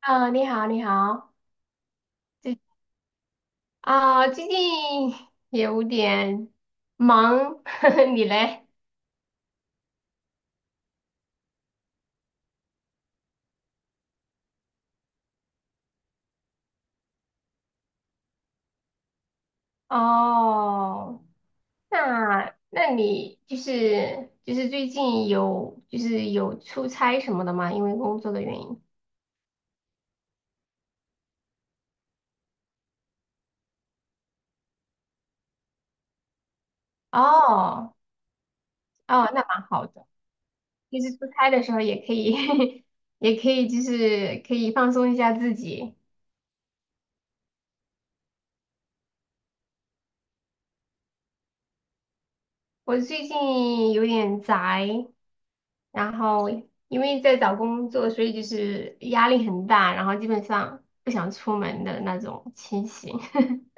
啊，你好，你好，最最近有点忙，你嘞？哦，那你就是最近有就是有出差什么的吗？因为工作的原因。哦哦，那蛮好的，就是出差的时候也可以，也可以就是可以放松一下自己。我最近有点宅，然后因为在找工作，所以就是压力很大，然后基本上不想出门的那种情形。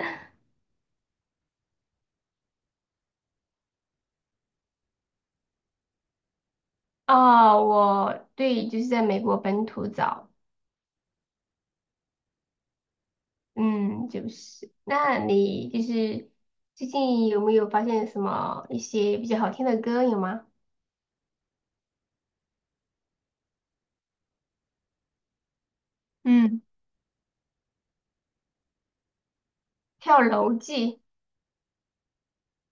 哦，我对，就是在美国本土找，嗯，就是，那你就是最近有没有发现什么一些比较好听的歌有吗？嗯，跳楼机，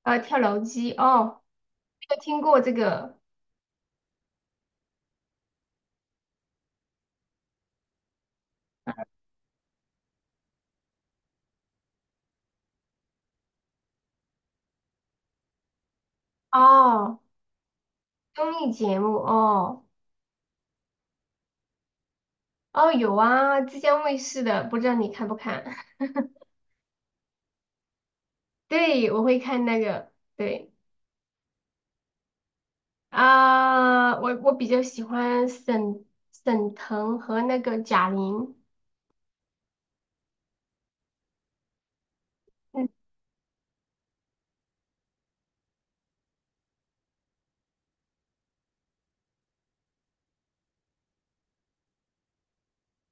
跳楼机，哦，没有听过这个，哦，综艺节目，哦，哦，有啊，浙江卫视的，不知道你看不看？对，我会看那个，对啊，我比较喜欢沈腾和那个贾玲。嗯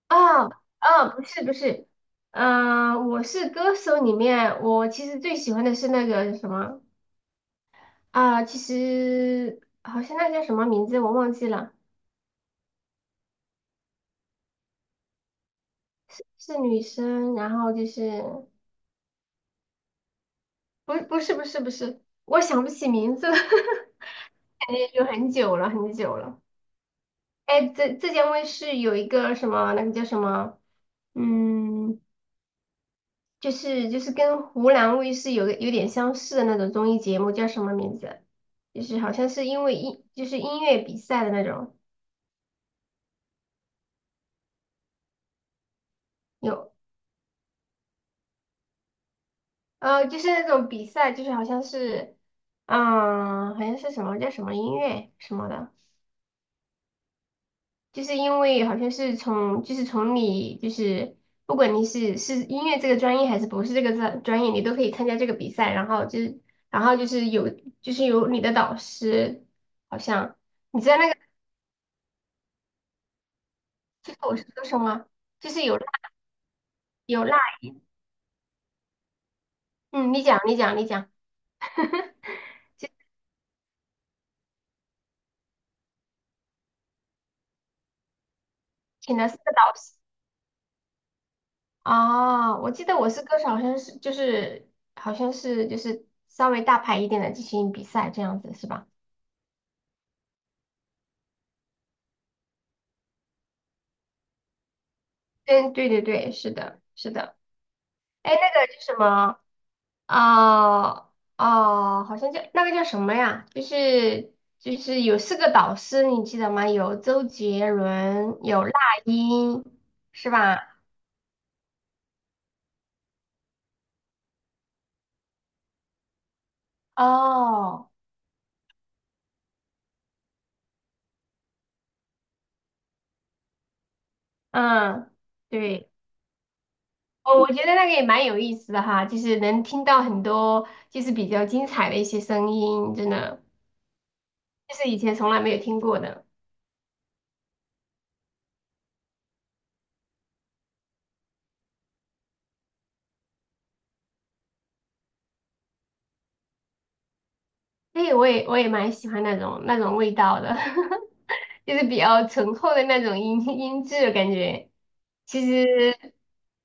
啊啊，不是不是，嗯、我是歌手里面，我其实最喜欢的是那个什么啊，其实好像那叫什么名字我忘记了，是女生，然后就是不是不是不是，我想不起名字了，感觉有很久了很久了。哎，浙江卫视有一个什么，那个叫什么？嗯，就是跟湖南卫视有个有点相似的那种综艺节目，叫什么名字？就是好像是因为音就是音乐比赛的那种，有就是那种比赛，就是好像是嗯好像是什么叫什么音乐什么的，就是因为好像是从你就是不管你是音乐这个专业还是不是这个专业，你都可以参加这个比赛，然后就是然后就是有有你的导师好像。你知道那其实我是歌手吗？就是有辣，嗯，你讲，请了四个导师啊，我记得我是歌手，好像是就是好像是就是稍微大牌一点的进行比赛这样子是吧？嗯，对对对，是的，是的，哎，那个叫什么哦哦，好像叫那个叫什么呀？就是有四个导师，你记得吗？有周杰伦，有那英，是吧？哦，嗯。对。哦，我觉得那个也蛮有意思的哈，就是能听到很多就是比较精彩的一些声音，真的，就是以前从来没有听过的。哎，我也蛮喜欢那种味道的，就是比较醇厚的那种音质的感觉。其实，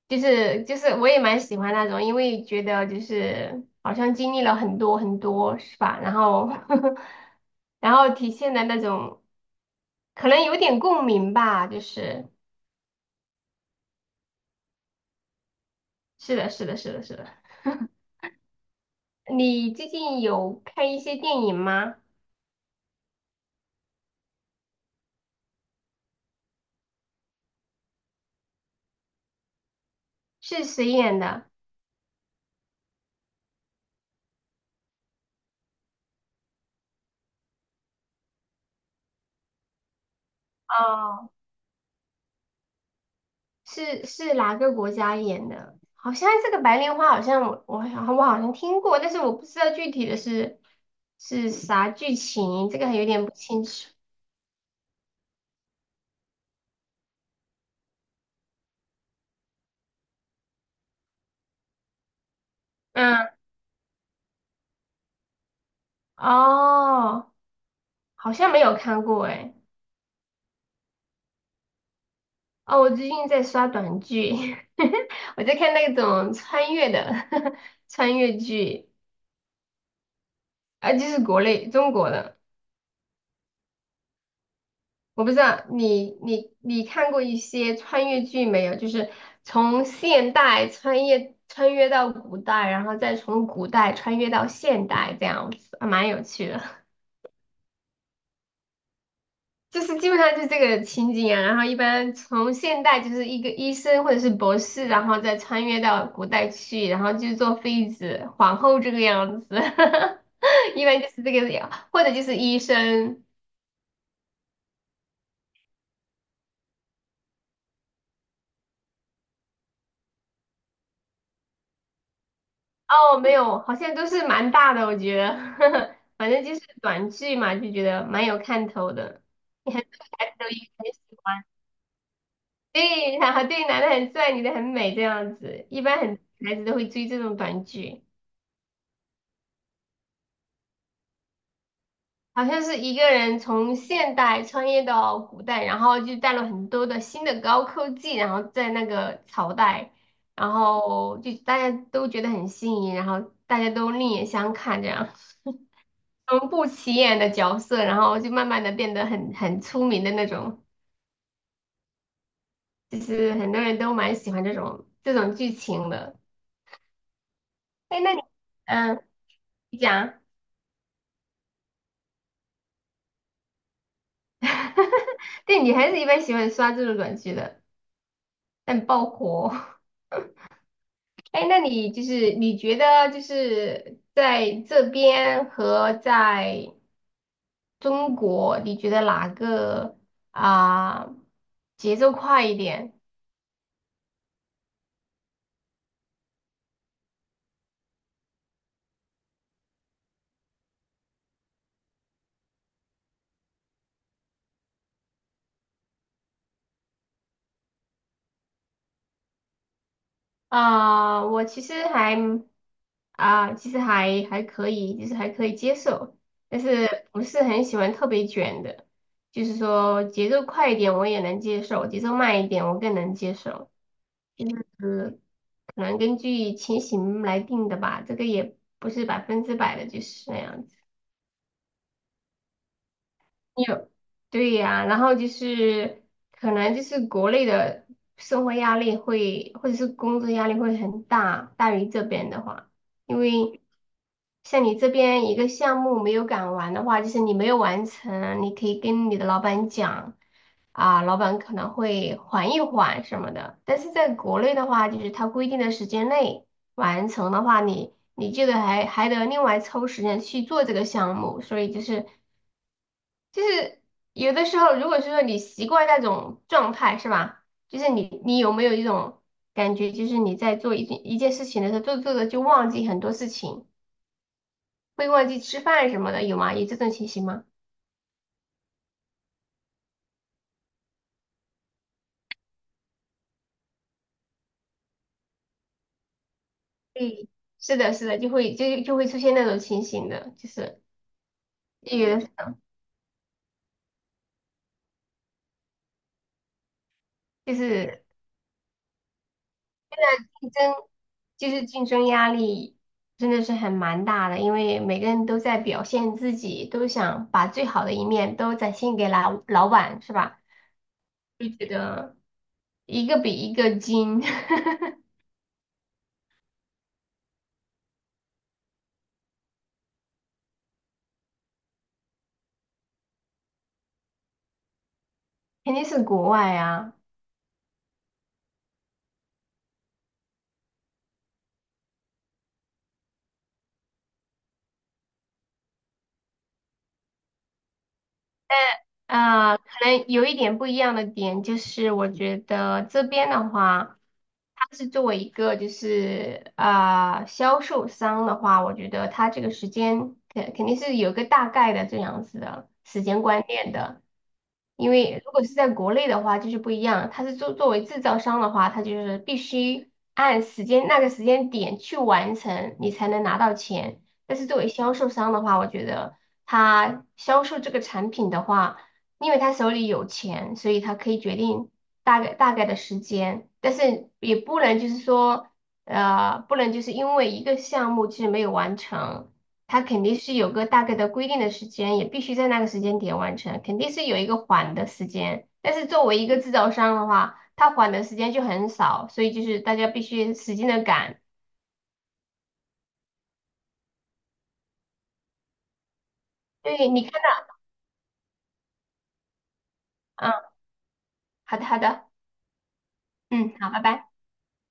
就是我也蛮喜欢那种，因为觉得就是好像经历了很多很多，是吧？然后 然后体现的那种可能有点共鸣吧，就是。是的，是的，是的，是的，你最近有看一些电影吗？是谁演的？哦，是哪个国家演的？好像这个白莲花，好像我好像听过，但是我不知道具体的是啥剧情，这个还有点不清楚。嗯，哦，好像没有看过哎。哦，我最近在刷短剧，我在看那种穿越的 穿越剧，啊，就是国内中国的。我不知道你看过一些穿越剧没有？就是从现代穿越到古代，然后再从古代穿越到现代，这样子还蛮有趣的。就是基本上就是这个情景啊，然后一般从现代就是一个医生或者是博士，然后再穿越到古代去，然后就做妃子、皇后这个样子，一般就是这个样，或者就是医生。哦，没有，好像都是蛮大的，我觉得，呵呵，反正就是短剧嘛，就觉得蛮有看头的。你很多孩子都应该喜欢，对，然后对，男的很帅，女的很美，这样子，一般很孩子都会追这种短剧。好像是一个人从现代穿越到古代，然后就带了很多的新的高科技，然后在那个朝代，然后就大家都觉得很新颖，然后大家都另眼相看这样。从不起眼的角色，然后就慢慢的变得很出名的那种，就是很多人都蛮喜欢这种剧情的。哎，那你，嗯，你讲，对，女孩子一般喜欢刷这种短剧的，但爆火。哎，那你就是你觉得就是在这边和在中国，你觉得哪个啊、节奏快一点？啊、我其实还啊、其实还可以，就是还可以接受，但是不是很喜欢特别卷的，就是说节奏快一点我也能接受，节奏慢一点我更能接受，就是可能根据情形来定的吧，这个也不是百分之百的，就是那样子。有，对呀，然后就是可能就是国内的生活压力会，或者是工作压力会很大，大于这边的话，因为像你这边一个项目没有赶完的话，就是你没有完成，你可以跟你的老板讲，啊，老板可能会缓一缓什么的，但是在国内的话，就是他规定的时间内完成的话，你这个还得另外抽时间去做这个项目，所以就是。就是有的时候，如果是说你习惯那种状态，是吧？就是你有没有一种感觉，就是你在做一件一件事情的时候，做着做着就忘记很多事情，会忘记吃饭什么的，有吗？有这种情形吗？对，是的，是的，就会出现那种情形的，就是有的就是竞争，就是竞争压力真的是很蛮大的，因为每个人都在表现自己，都想把最好的一面都展现给老板，是吧？就觉得。一个比一个精，肯定是国外啊。啊，可能有一点不一样的点就是，我觉得这边的话，它是作为一个就是销售商的话，我觉得它这个时间肯定是有个大概的这样子的时间观念的。因为如果是在国内的话，就是不一样，它是作为制造商的话，它就是必须按时间那个时间点去完成，你才能拿到钱。但是作为销售商的话，我觉得他销售这个产品的话。因为他手里有钱，所以他可以决定大概的时间，但是也不能就是说，不能就是因为一个项目就是没有完成，他肯定是有个大概的规定的时间，也必须在那个时间点完成，肯定是有一个缓的时间。但是作为一个制造商的话，他缓的时间就很少，所以就是大家必须使劲的赶。对，你看到，嗯，好的好的，嗯，好，拜拜。